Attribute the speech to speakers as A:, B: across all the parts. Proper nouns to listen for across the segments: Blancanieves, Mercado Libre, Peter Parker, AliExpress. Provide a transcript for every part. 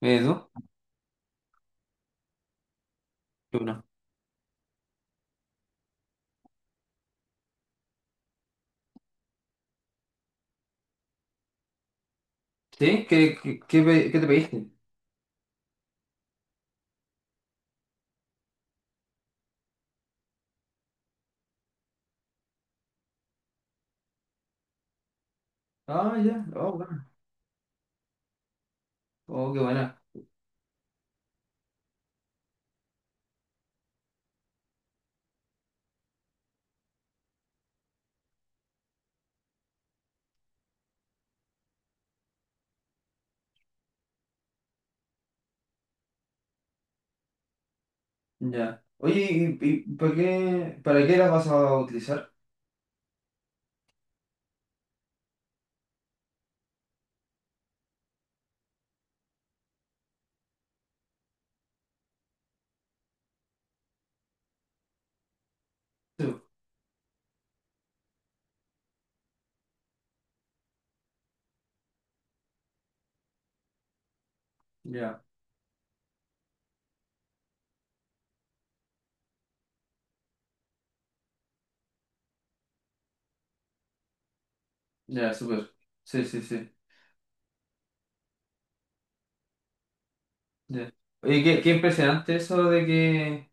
A: Dos, uno. ¿Sí? ¿Qué te pediste? Ah, ya. Oh, bueno. Oh, qué buena. Ya. Oye, ¿Y para qué las vas a utilizar? Sí. Ya, ya, súper. Sí, sí, sí. Ya. Oye, qué impresionante eso de que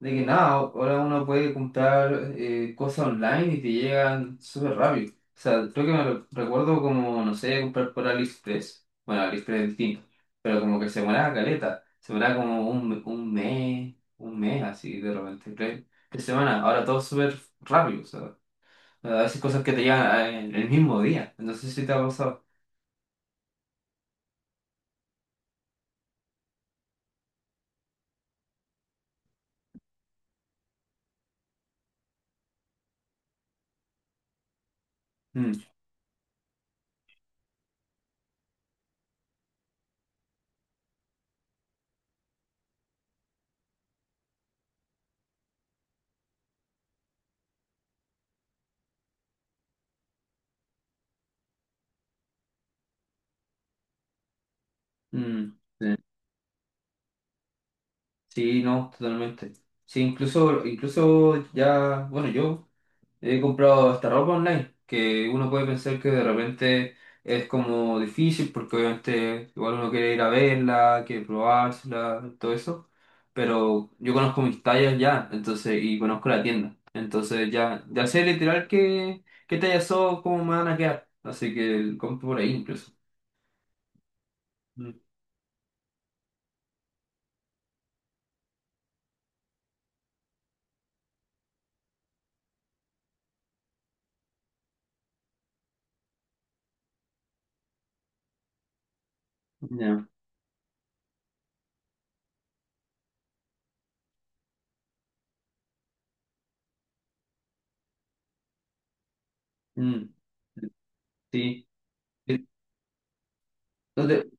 A: de que nada, ahora uno puede comprar cosas online y te llegan súper rápido. O sea, creo que recuerdo como, no sé, comprar por AliExpress. Bueno, AliExpress es distinto, pero como que se demoraba caleta. Se demoraba como un mes así de repente, tres semanas. Ahora todo súper rápido. O sea, a veces cosas que te llegan el mismo día. No sé si te ha pasado. Mm, mm, sí, no, totalmente. Sí, incluso ya, bueno, yo. He comprado hasta ropa online, que uno puede pensar que de repente es como difícil, porque obviamente igual uno quiere ir a verla, quiere probársela, todo eso. Pero yo conozco mis tallas ya, entonces, y conozco la tienda. Entonces ya sé literal qué tallas son, cómo me van a quedar. Así que compro por ahí incluso. Mm. Ya. Mm. Sí. ¿No te,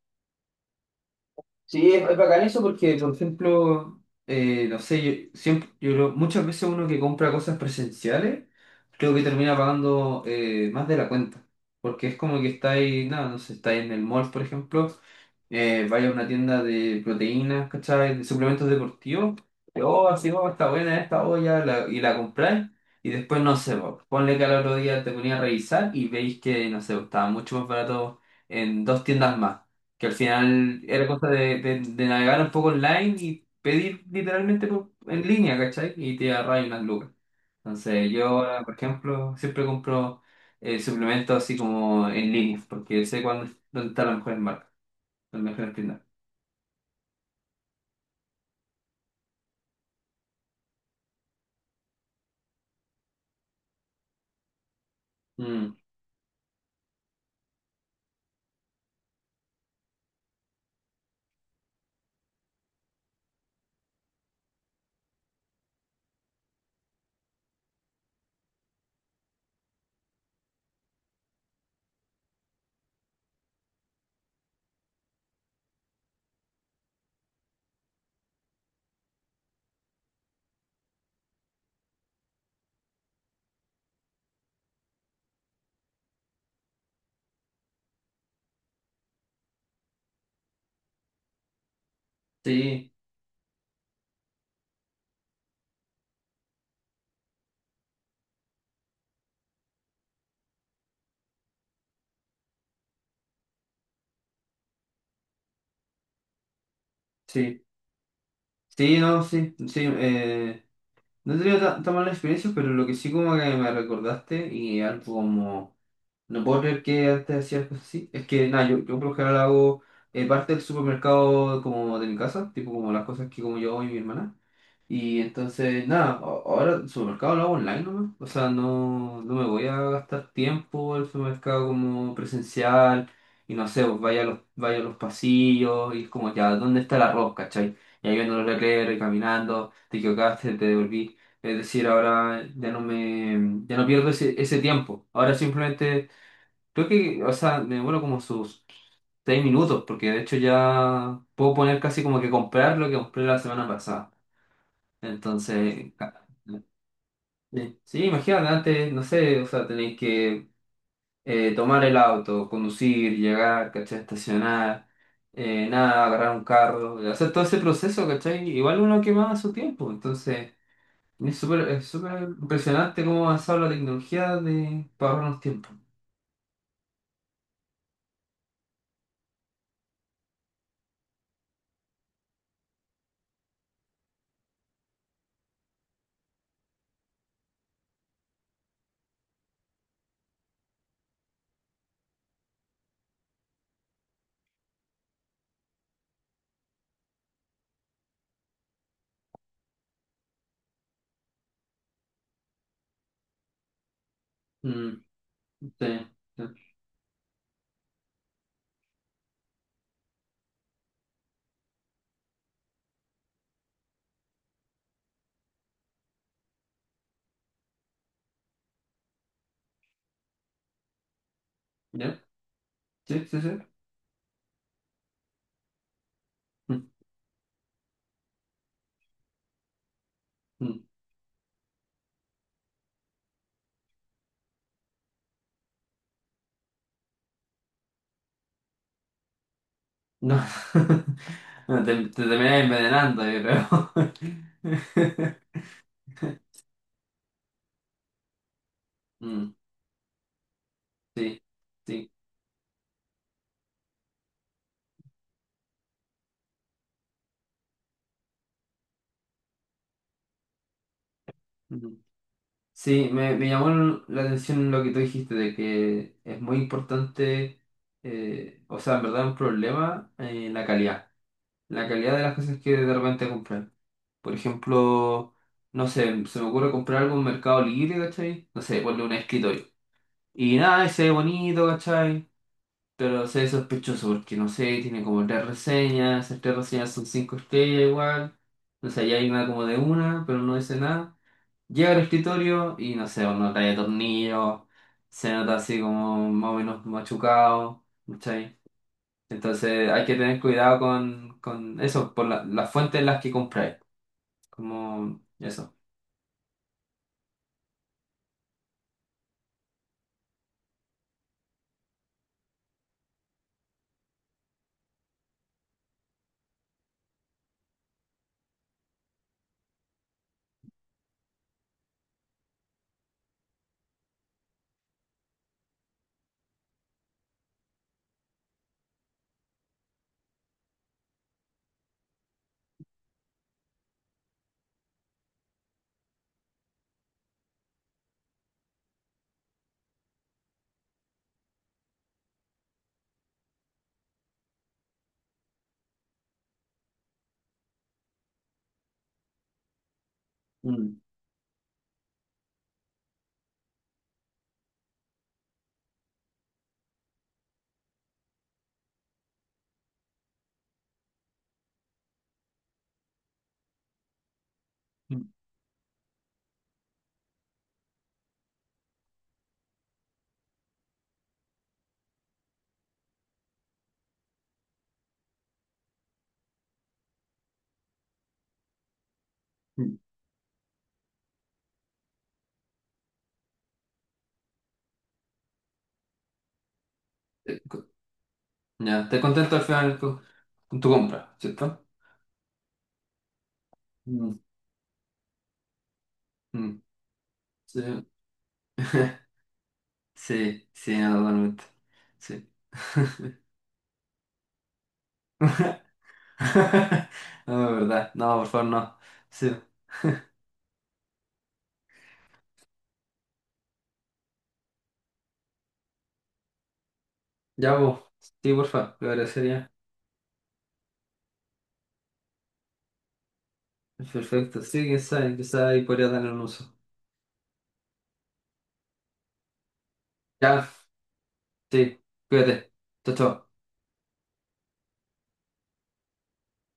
A: Sí, es bacán eso porque, por ejemplo, no sé, yo, siempre, muchas veces uno que compra cosas presenciales, creo que termina pagando más de la cuenta. Porque es como que está ahí, nada, no sé, está ahí en el mall, por ejemplo, vaya a una tienda de proteínas, ¿cachai? De suplementos deportivos, y, oh, así, oh, está buena esta olla, y la compráis, y después, no sé, po, ponle que al otro día te ponía a revisar y veis que, no sé, estaba mucho más barato en dos tiendas más. Que al final era cosa de navegar un poco online y pedir literalmente en línea, ¿cachai? Y te agarras unas lucas. Entonces, yo, ahora, por ejemplo, siempre compro suplementos así como en línea, porque sé cuándo, dónde está la mejor marca, las mejores tiendas. Mm, sí, sí. Sí, no, sí, sí. No he tenido tan mala experiencia, pero lo que sí como que me recordaste y algo como no puedo creer que antes hacía cosas así. Es que nada, yo, por lo general hago parte del supermercado como de mi casa, tipo como las cosas que como yo hago y mi hermana. Y entonces, nada, ahora el supermercado lo hago online nomás. O sea, no me voy a gastar tiempo el supermercado como presencial. Y no sé, pues vaya a los pasillos y es como ya, ¿dónde está el arroz, cachai? Y ahí viendo los letreros y caminando, te equivocaste, te devolví. Es decir, ahora ya no pierdo ese tiempo. Ahora simplemente creo que, o sea, me demoro como sus 6 minutos, porque de hecho ya puedo poner casi como que comprar lo que compré la semana pasada. Entonces, sí, imagínate, antes, no sé, o sea, tenéis que tomar el auto, conducir, llegar, ¿cachai? Estacionar, nada, agarrar un carro, o sea, todo ese proceso, ¿cachai? Igual uno quemaba su tiempo, entonces es súper impresionante cómo ha avanzado la tecnología de para ahorrarnos tiempo. Mm, sí, sí, ¿ya? Sí, sí, sí. Mm. Mm, no, no, te terminás envenenando, yo creo. Mm, sí, sí. Ujú. Sí, me llamó la atención lo que tú dijiste, de que es muy importante, o sea, en verdad un problema la calidad de las cosas que de repente comprar. Por ejemplo, no sé, se me ocurre comprar algo en Mercado Libre, ¿cachai? No sé, ponle un escritorio. Y nada, y se ve bonito, ¿cachai? Pero se ve sospechoso porque no sé, tiene como tres reseñas, esas tres reseñas son cinco estrellas igual, no sé, ya hay una como de una, pero no dice nada. Llega al escritorio y no sé, no trae tornillos, se nota así como más o menos machucado, ¿cachai? Entonces hay que tener cuidado con eso, por las fuentes en las que compráis, como eso. Mm, mm, mm. Eh, co- Ya, estás contento al final con tu compra, ¿cierto? Mm, mm, sí. Sí, sí, no, totalmente. Sí. No, de verdad. No, por favor, no. Sí. Ya, vos. Sí, por favor, te agradecería. Perfecto. Sí, quién sabe, quizá ahí podría tener un uso. Ya, sí, cuídate. Chao, chao.